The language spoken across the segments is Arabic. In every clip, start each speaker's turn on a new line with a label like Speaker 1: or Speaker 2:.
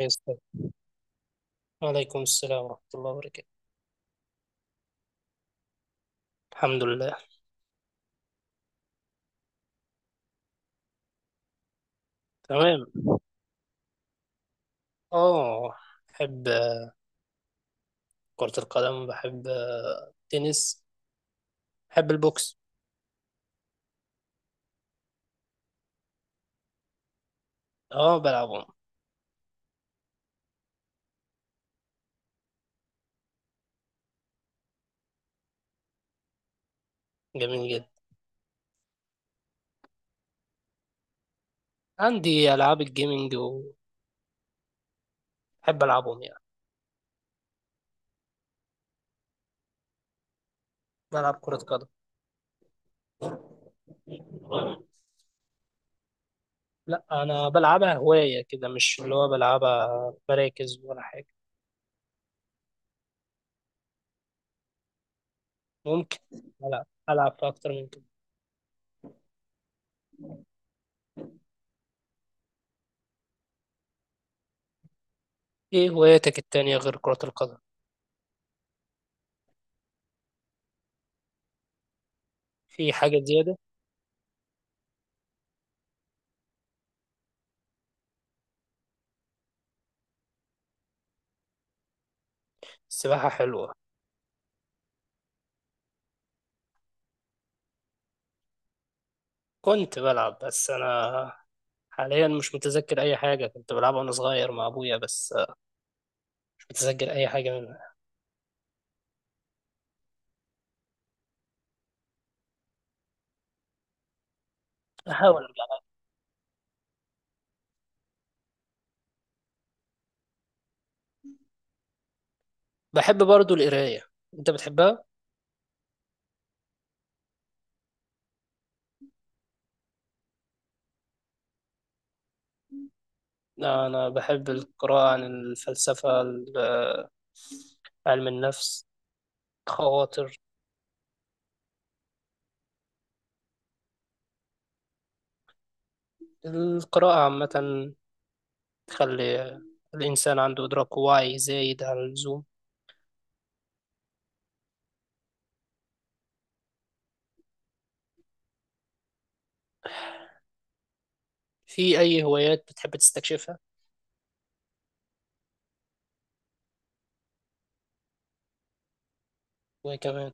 Speaker 1: يسلم. وعليكم السلام ورحمة الله وبركاته. الحمد لله. تمام. اه، بحب كرة القدم. بحب التنس. بحب البوكس. اه، بلعبهم. جميل جدا. عندي ألعاب الجيمنج وبحب ألعبهم يعني. بلعب كرة قدم. لا، أنا بلعبها هواية كده، مش اللي هو بلعبها مراكز ولا حاجة. ممكن ألعب في أكتر من كده. إيه هواياتك التانية غير كرة القدم؟ في حاجة زيادة؟ السباحة حلوة. كنت بلعب، بس أنا حاليا مش متذكر اي حاجه كنت بلعبها وانا صغير مع ابويا، بس مش متذكر اي حاجه منها. احاول ارجع. بحب برضو القرايه. انت بتحبها؟ انا بحب القراءه عن الفلسفه، علم النفس، خواطر. القراءه عامه تخلي الانسان عنده ادراك واعي زايد عن اللزوم. في اي هوايات بتحب تستكشفها؟ وكمان.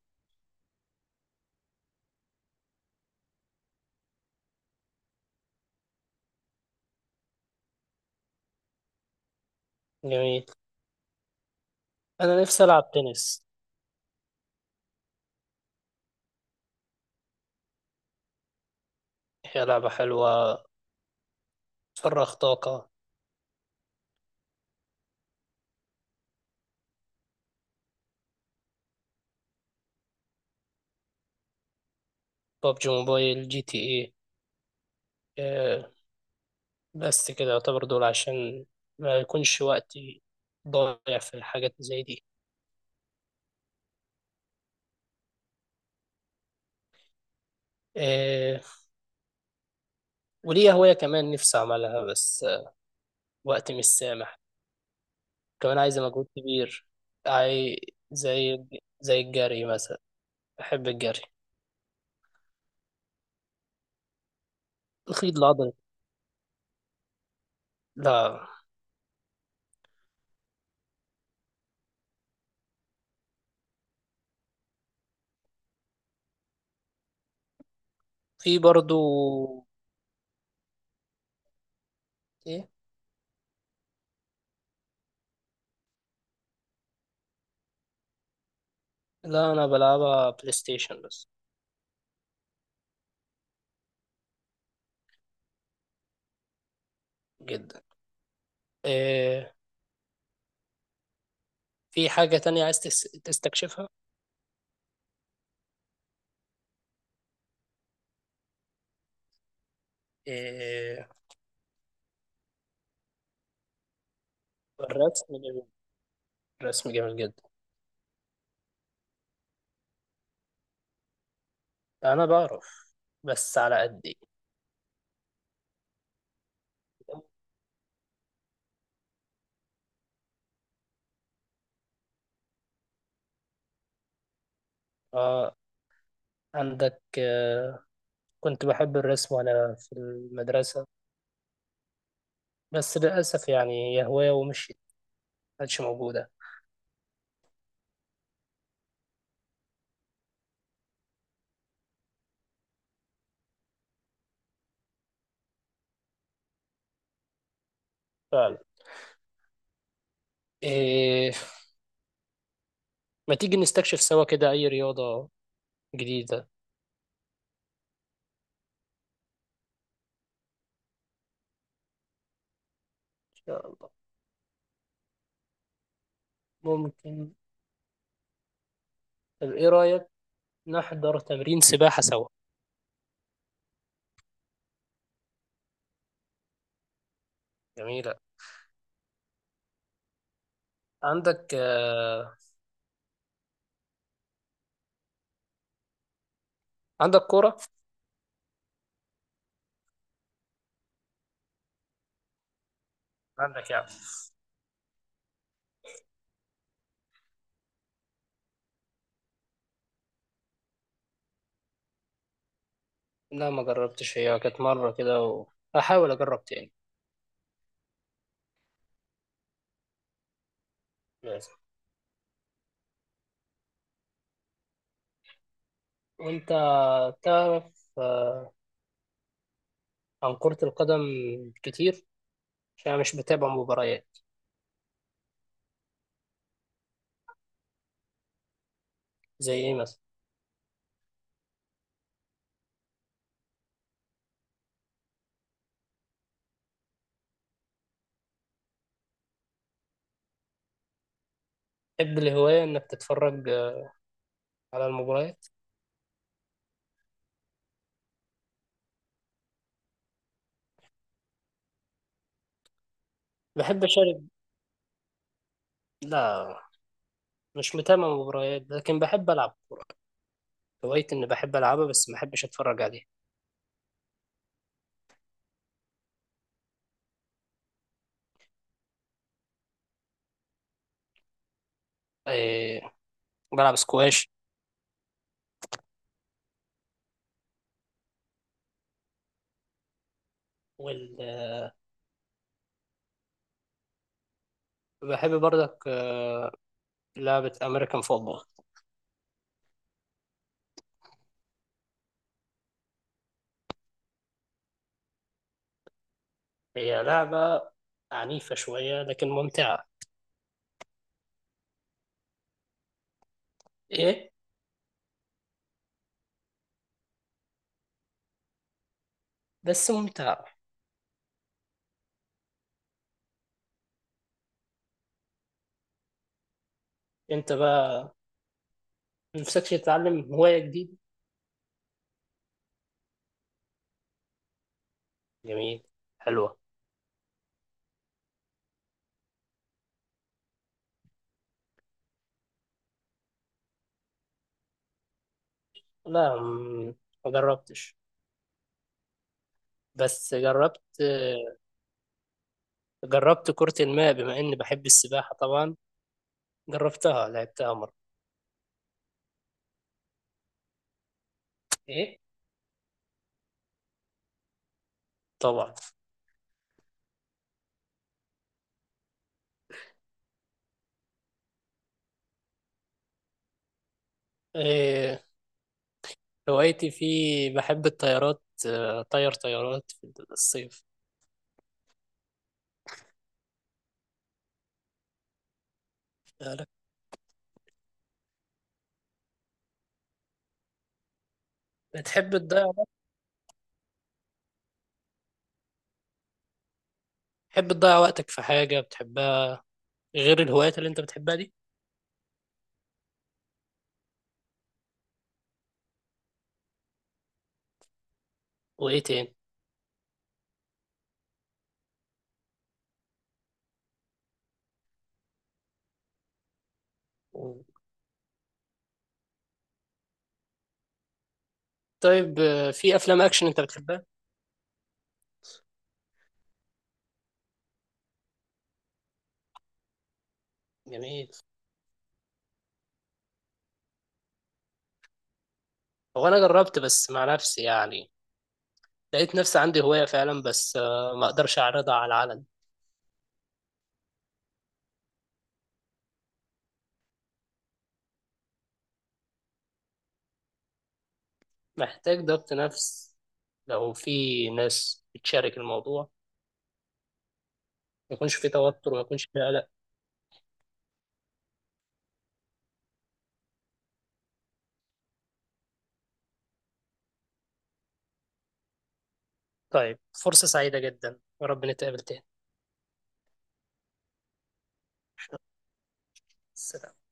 Speaker 1: جميل. انا نفسي العب تنس. هي لعبه حلوه، تفرغ طاقه. ببجي موبايل، جي تي ايه، آه، بس كده يعتبر، دول عشان ما يكونش وقتي ضايع في الحاجات زي دي. إيه. وليا هواية كمان نفسي أعملها، بس وقتي مش سامح. كمان عايزة مجهود كبير. عاي زي زي الجري مثلا. بحب الجري. الخيط العضلي. لا. في برضو. إيه. لا، أنا بلعبها بلاي ستيشن بس. جدا. إيه. في حاجة تانية عايز تستكشفها؟ إيه. الرسم جميل. الرسم جميل جدا. أنا بعرف بس على قدي. آه. عندك آه كنت بحب الرسم وأنا في المدرسة، بس للأسف يعني هي هواية ومشيت، مكانتش موجودة. فعلا. إيه. ما تيجي نستكشف سوا كده أي رياضة جديدة؟ إن شاء الله. ممكن. طب إيه رأيك نحضر تمرين سباحة سوا؟ جميلة. عندك عندك كورة؟ عندك يعني. لا، ما جربتش، هي كانت مرة كده، وهحاول أجرب تاني. وانت تعرف آه، عن كرة القدم كتير؟ عشان أنا مش بتابع مباريات. زي ايه مثلا؟ تحب الهواية انك تتفرج على المباريات؟ بحب اشارك. لا، مش متابع مباريات لكن بحب العب كورة. هوايتي اني بحب العبها بس ما بحبش اتفرج عليها. إيه. بلعب سكواش. وال... آه، بحب برضك لعبة امريكان فوتبول. هي لعبة عنيفة شوية، لكن ممتعة. ايه. بس ممتعة. انت بقى، نفسكش تتعلم هواية جديدة؟ جميل. حلوة. لا، ما جربتش، بس جربت. جربت كرة الماء، بما إني بحب السباحة طبعا، جربتها لعبتها مرة. إيه. طبعا. إيه. هوايتي في. بحب الطيارات، طير طيارات في الصيف. بالك. بتحب تضيع وقت- بتحب تضيع وقتك في حاجة بتحبها غير الهوايات اللي أنت بتحبها دي؟ وإيه تاني؟ طيب في أفلام أكشن أنت بتحبها؟ جميل. هو أنا جربت بس مع نفسي يعني، لقيت نفسي عندي هواية فعلا، بس ما اقدرش اعرضها على العلن. محتاج ضبط نفس لو في ناس بتشارك الموضوع، ما يكونش في توتر وما يكونش في قلق. طيب، فرصة سعيدة جدا، يا رب نتقابل تاني. سلام.